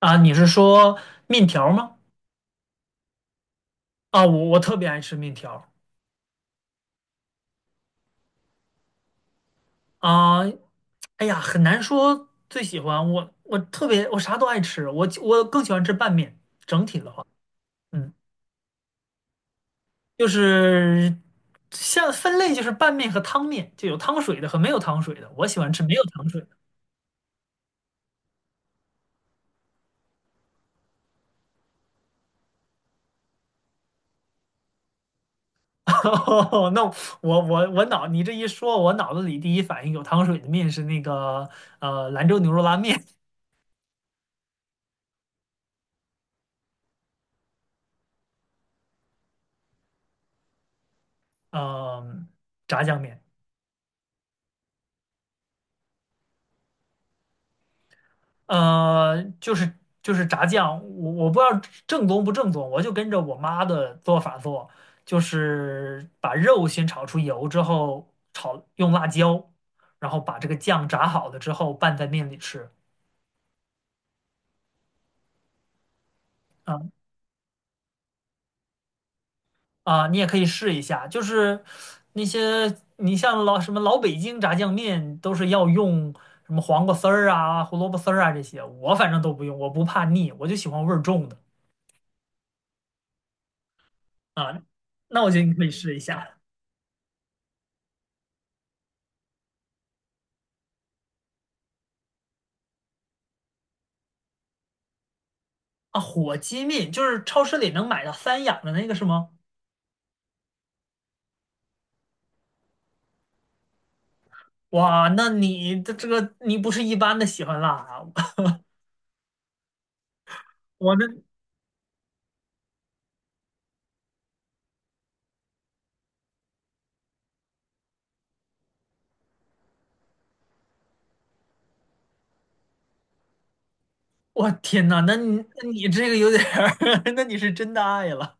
啊，你是说面条吗？啊,我特别爱吃面条啊，哎呀，很难说最喜欢我，我特别我啥都爱吃，我更喜欢吃拌面。整体的话，嗯，就是像分类就是拌面和汤面，就有汤水的和没有汤水的，我喜欢吃没有汤水的。哦那我脑你这一说，我脑子里第一反应有汤水的面是那个兰州牛肉拉面，嗯、炸酱面。就是炸酱，我不知道正宗不正宗，我就跟着我妈的做法做，就是把肉先炒出油之后炒，用辣椒，然后把这个酱炸好了之后拌在面里吃。啊啊，你也可以试一下，就是那些你像老什么老北京炸酱面都是要用什么黄瓜丝儿啊、胡萝卜丝儿啊这些，我反正都不用，我不怕腻，我就喜欢味儿重的啊。那我觉得你可以试一下。啊，火鸡面就是超市里能买到三养的那个是吗？哇，那你的这个你不是一般的喜欢辣啊！我那我天呐，那你这个有点儿，那你是真的爱了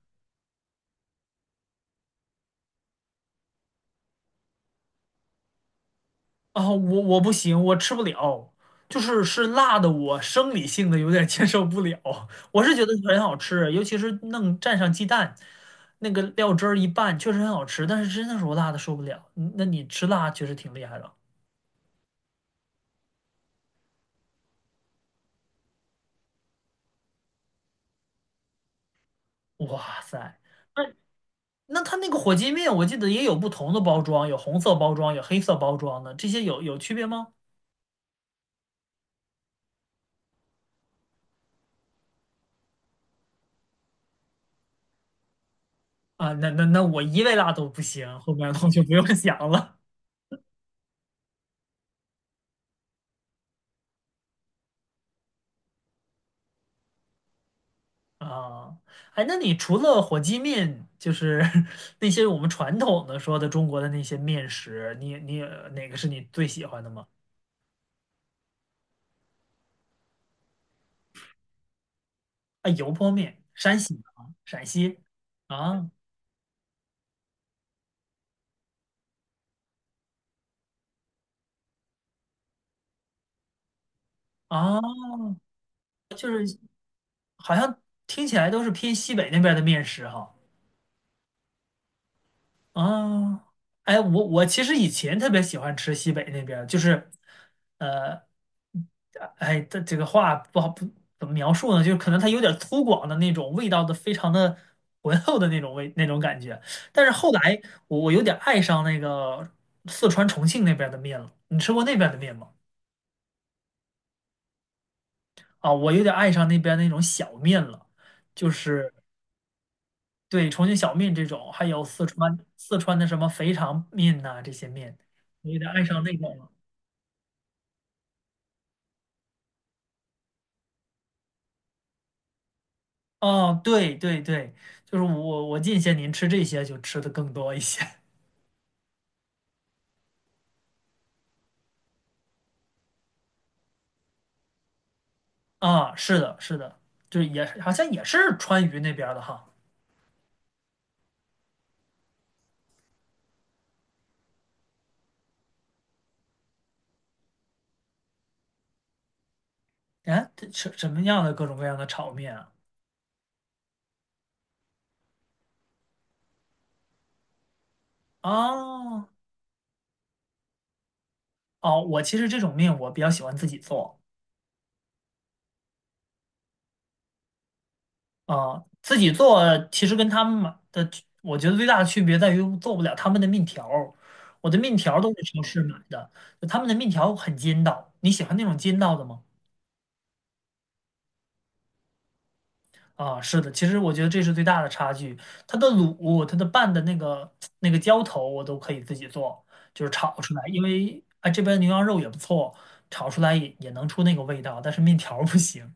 啊！我不行，我吃不了，就是辣的，我生理性的有点接受不了。我是觉得很好吃，尤其是弄蘸上鸡蛋，那个料汁儿一拌，确实很好吃。但是真的是我辣的受不了。嗯那你吃辣确实挺厉害的，哇塞！那。那它那个火鸡面，我记得也有不同的包装，有红色包装，有黑色包装的，这些有区别吗？啊，那我一味辣都不行，后面我就不用想了啊。哎，那你除了火鸡面，就是 那些我们传统的说的中国的那些面食，你哪个是你最喜欢的吗？啊，油泼面，山西的啊，陕西啊啊，就是好像听起来都是偏西北那边的面食哈。啊，哎，我其实以前特别喜欢吃西北那边儿就是，呃，哎，这个话不好不怎么描述呢，就是可能它有点粗犷的那种味道的，非常的浑厚的那种味那种感觉。但是后来我有点爱上那个四川重庆那边儿的面了，你吃过那边儿的面吗？啊，我有点爱上那边儿那种小面了，就是对重庆小面这种，还有四川的什么肥肠面呐、这些面，我有点爱上那种了。哦，对对对，就是我近些年吃这些就吃的更多一些 啊，是的，是的，就是也好像也是川渝那边儿的哈。哎，这什么样的各种各样的炒面啊？哦哦，我其实这种面我比较喜欢自己做啊，自己做其实跟他们买的，我觉得最大的区别在于做不了他们的面条儿我的面条儿都是超市买的，就他们的面条很筋道。你喜欢那种筋道的吗？啊，是的，其实我觉得这是最大的差距。它的卤，它的拌的那个那个浇头，我都可以自己做，就是炒出来。因为啊，这边牛羊肉也不错，炒出来也能出那个味道，但是面条儿不行。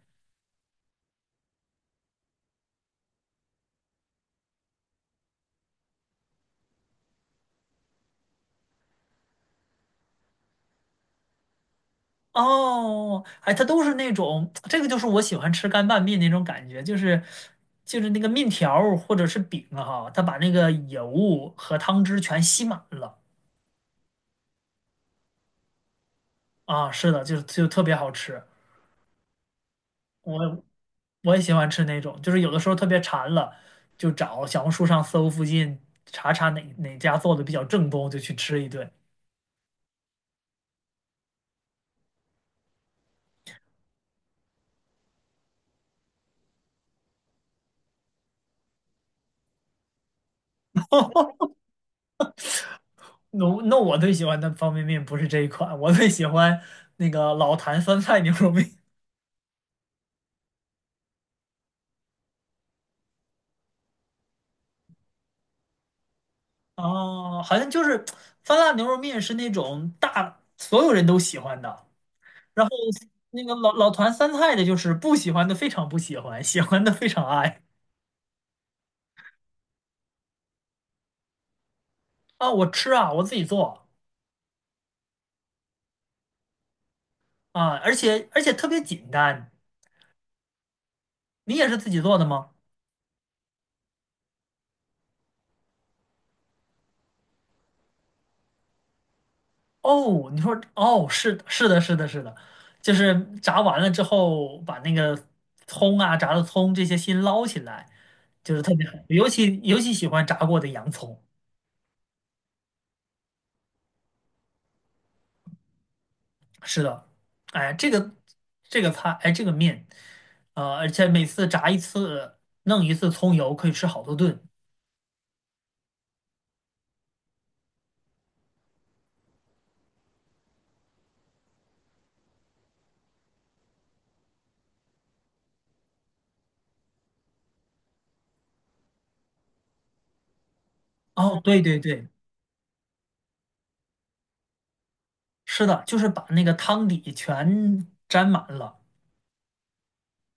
哦，哎，它都是那种，这个就是我喜欢吃干拌面那种感觉，就是那个面条儿或者是饼啊哈，它把那个油和汤汁全吸满了啊，是的，就特别好吃。我我也喜欢吃那种，就是有的时候特别馋了，就找小红书上搜附近查查哪家做的比较正宗，就去吃一顿。那我最喜欢的方便面不是这一款，我最喜欢那个老坛酸菜牛肉面。哦，好像就是酸辣牛肉面是那种大所有人都喜欢的，然后那个老坛酸菜的就是不喜欢的非常不喜欢，喜欢的非常爱啊！我吃啊，我自己做啊，而且特别简单。你也是自己做的吗？哦，你说哦，是的是的，是的，是的，就是炸完了之后，把那个葱啊、炸的葱这些先捞起来，就是特别好，尤其喜欢炸过的洋葱。是的，哎，这个菜，哎，这个面，而且每次炸一次，弄一次葱油，可以吃好多顿。哦，对对对，是的，就是把那个汤底全沾满了。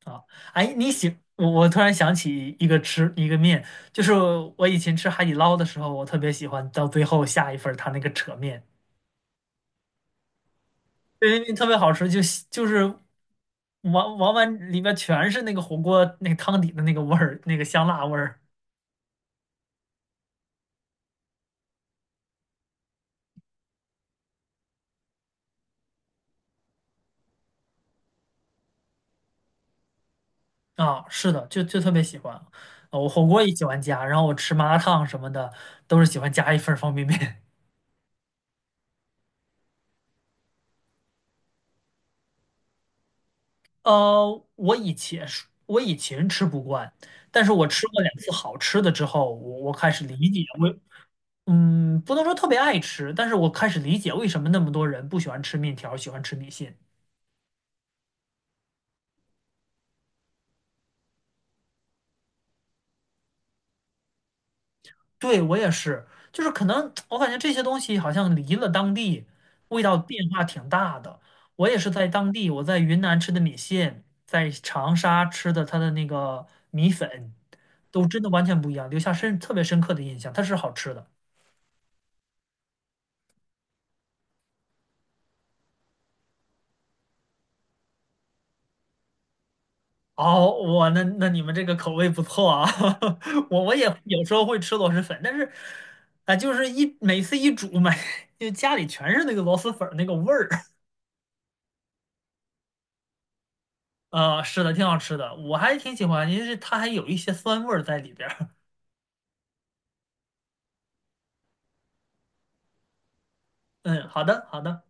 啊，哎，你喜我突然想起一个吃一个面，就是我以前吃海底捞的时候，我特别喜欢到最后下一份儿它那个扯面，对个特别好吃，就是往往碗里面全是那个火锅那个汤底的那个味儿，那个香辣味儿啊，是的，就特别喜欢。啊我火锅也喜欢加，然后我吃麻辣烫什么的都是喜欢加一份儿方便面我以前是，我以前吃不惯，但是我吃过两次好吃的之后，我开始理解我嗯，不能说特别爱吃，但是我开始理解为什么那么多人不喜欢吃面条，喜欢吃米线。对，我也是，就是可能我感觉这些东西好像离了当地，味道变化挺大的。我也是在当地，我在云南吃的米线，在长沙吃的它的那个米粉，都真的完全不一样，留下深特别深刻的印象，它是好吃的。哦，我那你们这个口味不错啊，我也有时候会吃螺蛳粉，但是，啊、就是每次煮买，就家里全是那个螺蛳粉儿那个味儿，啊、是的，挺好吃的，我还挺喜欢，因为它还有一些酸味儿在里边儿。嗯，好的，好的。